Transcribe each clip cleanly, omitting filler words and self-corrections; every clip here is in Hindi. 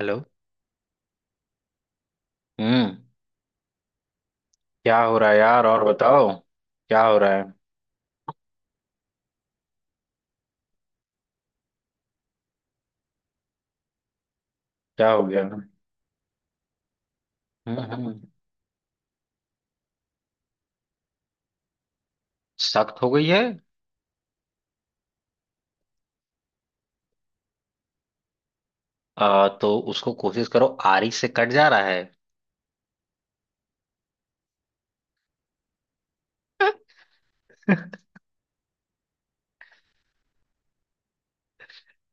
हेलो। हम्म। क्या हो रहा है यार और बताओ। क्या हो रहा है। क्या हो गया। हम्म, हम्म, सख्त हो गई है। तो उसको कोशिश करो। आरी से कट जा रहा है।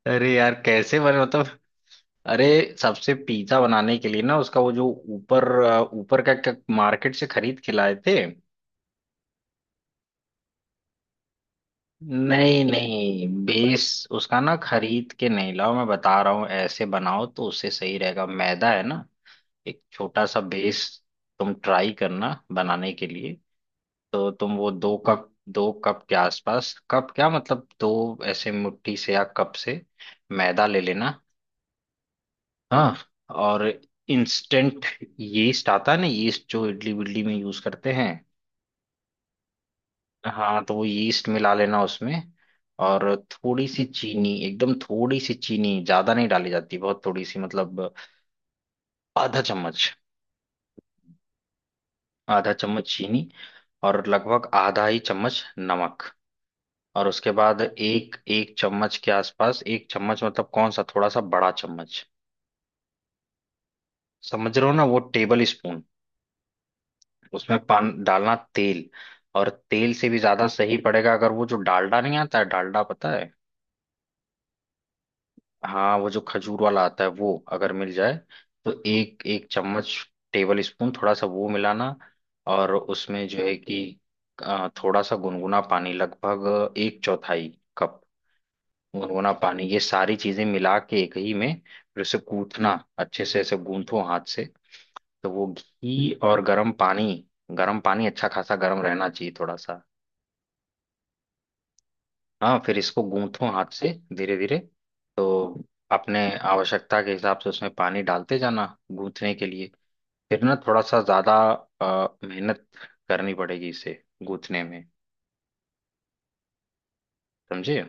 अरे यार कैसे बने मतलब। अरे सबसे पिज्जा बनाने के लिए ना उसका वो जो ऊपर ऊपर मार्केट से खरीद के लाए थे। नहीं नहीं बेस उसका ना खरीद के नहीं लाओ, मैं बता रहा हूँ ऐसे बनाओ तो उससे सही रहेगा, मैदा है ना। एक छोटा सा बेस तुम ट्राई करना बनाने के लिए। तो तुम वो 2 कप, 2 कप के आसपास, कप क्या मतलब दो ऐसे मुट्ठी से या कप से मैदा ले लेना। हाँ, और इंस्टेंट यीस्ट आता है ना, यीस्ट जो इडली विडली में यूज करते हैं। हाँ, तो वो यीस्ट मिला लेना उसमें। और थोड़ी सी चीनी, एकदम थोड़ी सी चीनी, ज्यादा नहीं डाली जाती, बहुत थोड़ी सी मतलब आधा चम्मच। आधा चम्मच चीनी और लगभग आधा ही चम्मच नमक। और उसके बाद एक एक चम्मच के आसपास, 1 चम्मच मतलब कौन सा, थोड़ा सा बड़ा चम्मच, समझ रहे हो ना, वो टेबल स्पून। उसमें पान डालना, तेल, और तेल से भी ज्यादा सही पड़ेगा अगर वो जो डालडा नहीं आता है, डालडा पता है। हाँ, वो जो खजूर वाला आता है, वो अगर मिल जाए तो एक एक चम्मच टेबल स्पून थोड़ा सा वो मिलाना। और उसमें जो है कि थोड़ा सा गुनगुना पानी, लगभग एक चौथाई कप गुनगुना पानी, ये सारी चीजें मिला के एक ही में फिर उसे कूथना। अच्छे से ऐसे गूंथो हाथ से। तो वो घी और गर्म पानी, गर्म पानी अच्छा खासा गर्म रहना चाहिए थोड़ा सा। हाँ, फिर इसको गूंथो हाथ से धीरे धीरे। तो अपने आवश्यकता के हिसाब से उसमें पानी डालते जाना गूंथने के लिए। फिर ना थोड़ा सा ज्यादा मेहनत करनी पड़ेगी इसे गूंथने में, समझे।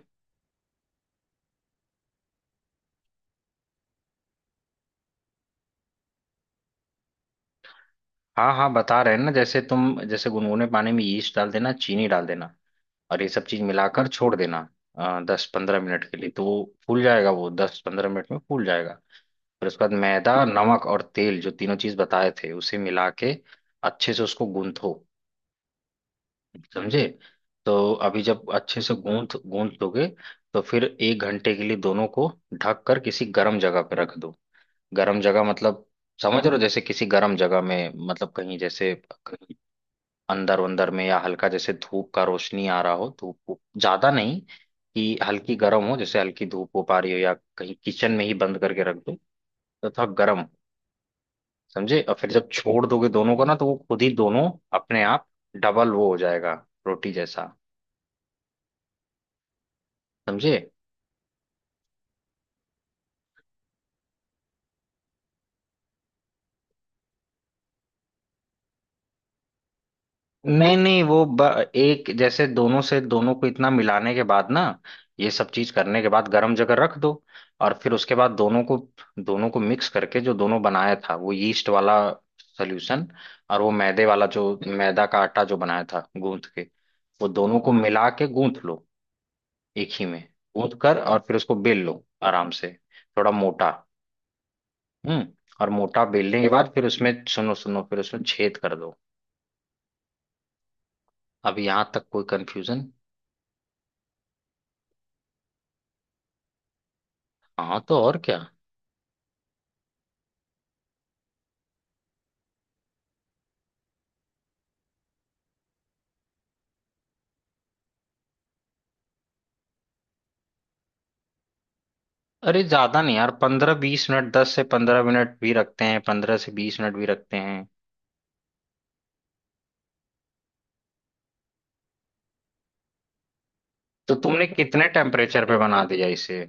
हाँ हाँ, बता रहे हैं ना, जैसे तुम जैसे गुनगुने पानी में यीस्ट डाल देना, चीनी डाल देना, और ये सब चीज मिलाकर छोड़ देना 10-15 मिनट के लिए, तो वो फूल जाएगा, वो 10-15 मिनट में फूल जाएगा। फिर उसके बाद मैदा, नमक और तेल जो तीनों चीज बताए थे, उसे मिला के अच्छे से उसको गूंथो, समझे। तो अभी जब अच्छे से गूंथ गूंथ दोगे तो फिर 1 घंटे के लिए दोनों को ढक कर किसी गर्म जगह पर रख दो। गर्म जगह मतलब, समझ रहे हो, जैसे किसी गर्म जगह में, मतलब कहीं जैसे अंदर, अंदर में, या हल्का जैसे धूप का रोशनी आ रहा हो, ज्यादा नहीं कि हल्की गर्म हो, जैसे हल्की धूप हो पा रही हो, या कहीं किचन में ही बंद करके रख दो तो थोड़ा गर्म हो, समझे। और फिर जब छोड़ दोगे दोनों को ना, तो वो खुद ही दोनों अपने आप डबल वो हो जाएगा, रोटी जैसा, समझे। नहीं नहीं वो एक जैसे दोनों से, दोनों को इतना मिलाने के बाद ना, ये सब चीज करने के बाद गर्म जगह रख दो। और फिर उसके बाद दोनों को मिक्स करके, जो दोनों बनाया था वो यीस्ट वाला सोल्यूशन और वो मैदे वाला, जो मैदा का आटा जो बनाया था गूंथ के, वो दोनों को मिला के गूंथ लो एक ही में। गूंथ कर और फिर उसको बेल लो आराम से, थोड़ा मोटा। हम्म। और मोटा बेलने के बाद फिर उसमें, सुनो सुनो, फिर उसमें छेद कर दो। अब यहाँ तक कोई कंफ्यूजन? हाँ, तो और क्या। अरे ज्यादा नहीं यार, 15-20 मिनट, 10 से 15 मिनट भी रखते हैं, 15 से 20 मिनट भी रखते हैं। तो तुमने कितने टेम्परेचर पे बना दिया इसे?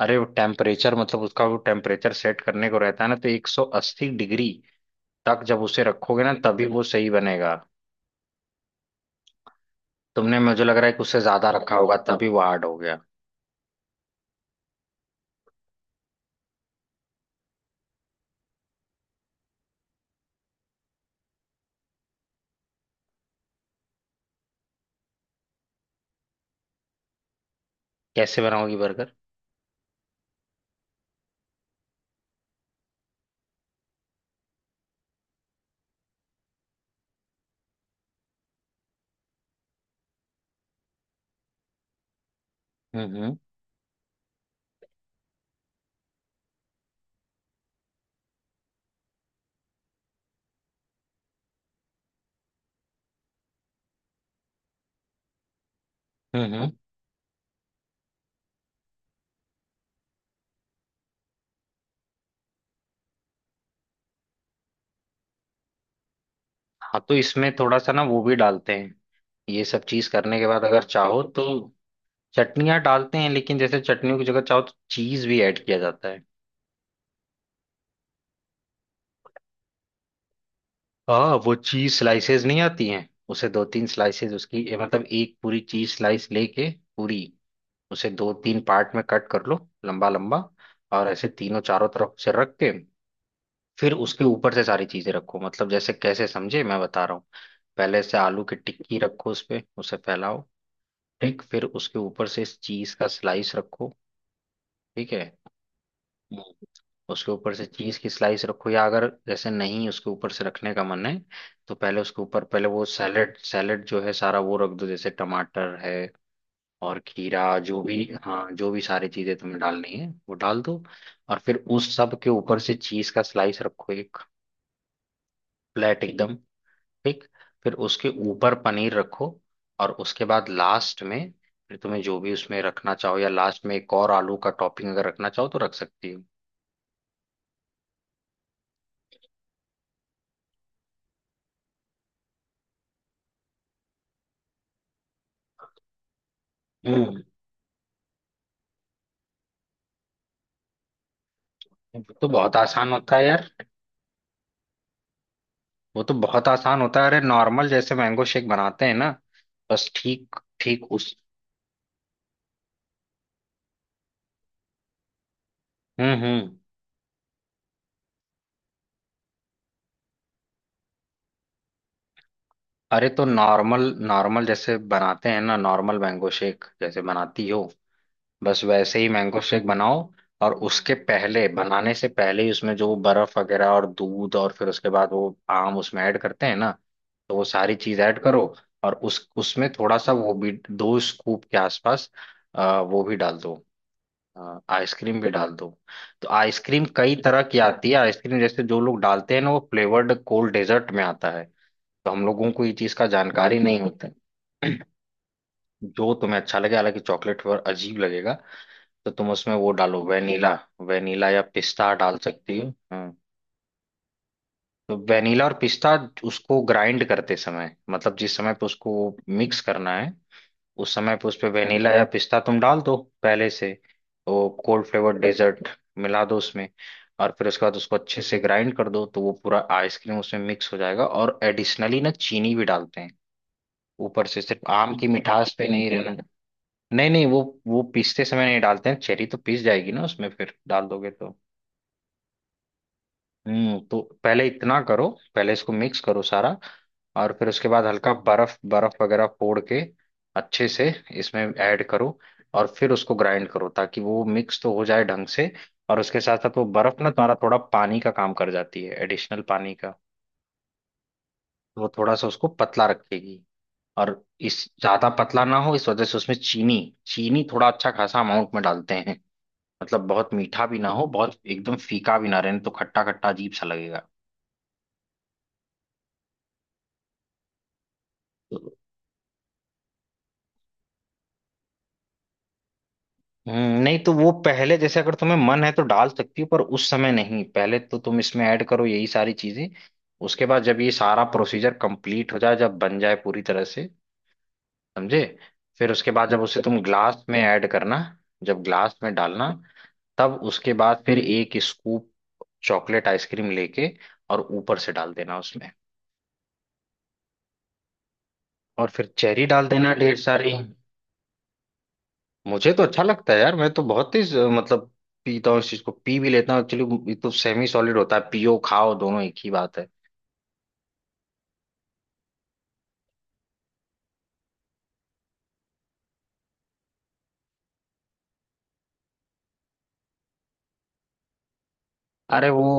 अरे वो टेम्परेचर मतलब उसका वो टेम्परेचर सेट करने को रहता है ना, तो 180 डिग्री तक जब उसे रखोगे ना तभी वो सही बनेगा। तुमने, मुझे लग रहा है कि उससे ज्यादा रखा होगा, तभी वो हार्ड हो गया। कैसे बनाओगी बर्गर? हम्म, हम्म, हम्म, हाँ, तो इसमें थोड़ा सा ना वो भी डालते हैं, ये सब चीज करने के बाद अगर चाहो तो चटनियाँ डालते हैं, लेकिन जैसे चटनियों की जगह चाहो तो चीज भी ऐड किया जाता है। हाँ, वो चीज स्लाइसेस नहीं आती हैं, उसे 2-3 स्लाइसेस उसकी मतलब एक पूरी चीज स्लाइस लेके पूरी, उसे 2-3 पार्ट में कट कर लो, लंबा लंबा। और ऐसे तीनों चारों तरफ से रख के फिर उसके ऊपर से सारी चीजें रखो, मतलब जैसे कैसे, समझे, मैं बता रहा हूँ। पहले से आलू की टिक्की रखो, उस पे उसे फैलाओ। ठीक, फिर उसके ऊपर से इस चीज का स्लाइस रखो, ठीक है। हम्म। उसके ऊपर से चीज की स्लाइस रखो, या अगर जैसे नहीं उसके ऊपर से रखने का मन है तो पहले उसके ऊपर पहले वो सैलेड, सैलेड जो है सारा वो रख दो, जैसे टमाटर है और खीरा, जो भी। हाँ, जो भी सारी चीजें तुम्हें डालनी है वो डाल दो। और फिर उस सब के ऊपर से चीज का स्लाइस रखो एक, प्लेट एकदम, ठीक। फिर उसके ऊपर पनीर रखो और उसके बाद लास्ट में, फिर तुम्हें जो भी उसमें रखना चाहो, या लास्ट में एक और आलू का टॉपिंग अगर रखना चाहो तो रख सकती हो। हम्म। वो तो बहुत आसान होता है यार, वो तो बहुत आसान होता है, अरे नॉर्मल जैसे मैंगो शेक बनाते हैं ना, बस ठीक ठीक उस। हम्म, हम्म। अरे, तो नॉर्मल, नॉर्मल जैसे बनाते हैं ना, नॉर्मल मैंगो शेक जैसे बनाती हो, बस वैसे ही मैंगो शेक बनाओ। और उसके पहले, बनाने से पहले ही उसमें जो बर्फ वगैरह और दूध, और फिर उसके बाद वो आम उसमें ऐड करते हैं ना, तो वो सारी चीज ऐड करो। और उस उसमें थोड़ा सा वो भी, 2 स्कूप के आसपास वो भी डाल दो। हाँ, आइसक्रीम भी डाल दो। तो आइसक्रीम कई तरह की आती है, आइसक्रीम जैसे जो लोग डालते हैं ना वो फ्लेवर्ड कोल्ड डेजर्ट में आता है। तो हम लोगों को ये चीज़ का जानकारी नहीं होता। जो तुम्हें अच्छा लगे, हालांकि चॉकलेट फ्लेवर अजीब लगेगा। तो तुम उसमें वो डालो, वेनिला, वेनिला या पिस्ता डाल सकती हो। हाँ, तो वेनिला और पिस्ता, उसको ग्राइंड करते समय, मतलब जिस समय पे उसको मिक्स करना है, उस समय पे उस पे वेनिला या पिस्ता तुम डाल दो पहले से। वो कोल्ड फ्लेवर डेजर्ट मिला दो उसमें। और फिर उसके बाद उसको अच्छे से ग्राइंड कर दो, तो वो पूरा आइसक्रीम उसमें मिक्स हो जाएगा। और एडिशनली ना चीनी भी डालते हैं ऊपर से, सिर्फ आम की मिठास पे नहीं रहना। नहीं नहीं, वो पीसते समय नहीं डालते हैं, चेरी तो पीस जाएगी ना उसमें, फिर डाल दोगे तो। हम्म, तो पहले इतना करो, पहले इसको मिक्स करो सारा। और फिर उसके बाद हल्का बर्फ, बर्फ वगैरह फोड़ के अच्छे से इसमें ऐड करो, और फिर उसको ग्राइंड करो ताकि वो मिक्स तो हो जाए ढंग से। और उसके साथ साथ वो बर्फ ना तुम्हारा थोड़ा पानी का काम कर जाती है, एडिशनल पानी का। तो वो थोड़ा सा उसको पतला रखेगी। और इस ज्यादा पतला ना हो, इस वजह से उसमें चीनी चीनी थोड़ा अच्छा खासा अमाउंट में डालते हैं, मतलब बहुत मीठा भी ना हो, बहुत एकदम फीका भी ना रहे, नहीं तो खट्टा खट्टा अजीब सा लगेगा। नहीं तो वो पहले जैसे, अगर तुम्हें मन है तो डाल सकती हो, पर उस समय नहीं, पहले तो तुम इसमें ऐड करो यही सारी चीजें। उसके बाद जब ये सारा प्रोसीजर कंप्लीट हो जाए, जब बन जाए पूरी तरह से, समझे। फिर उसके बाद जब उसे, अच्छा, तुम ग्लास में ऐड करना। जब ग्लास में डालना, तब उसके बाद फिर 1 स्कूप चॉकलेट आइसक्रीम लेके, और ऊपर से डाल देना उसमें। और फिर चेरी डाल देना ढेर सारी। मुझे तो अच्छा लगता है यार, मैं तो बहुत ही मतलब पीता हूँ इस चीज को, पी भी लेता हूँ एक्चुअली, ये तो सेमी सॉलिड होता है, पियो खाओ दोनों एक ही बात है। अरे, वो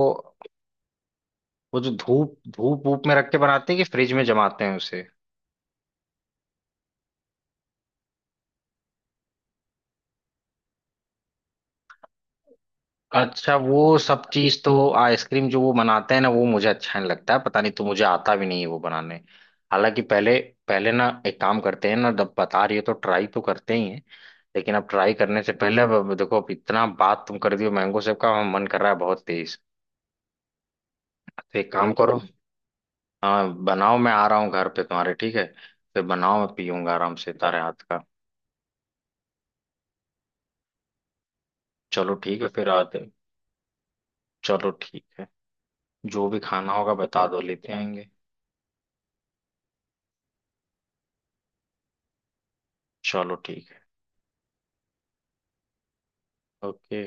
वो जो धूप धूप वूप में रख के बनाते हैं कि फ्रिज में जमाते हैं उसे, अच्छा वो सब चीज तो, आइसक्रीम जो वो बनाते हैं ना वो मुझे अच्छा नहीं लगता है, पता नहीं, तो मुझे आता भी नहीं है वो बनाने। हालांकि पहले, पहले ना एक काम करते हैं ना, जब बता रही हो तो ट्राई तो करते ही हैं। लेकिन अब ट्राई करने से पहले, अब देखो, अब इतना बात तुम कर दियो मैंगो सेब का, हम मन कर रहा है बहुत तेज। तो एक काम करो, हाँ बनाओ, मैं आ रहा हूँ घर पे तुम्हारे, ठीक है। फिर बनाओ, मैं पीऊंगा आराम से तारे हाथ का। चलो ठीक है, फिर आते हैं। चलो ठीक है, जो भी खाना होगा बता दो, लेते आएंगे। चलो ठीक है, ओके।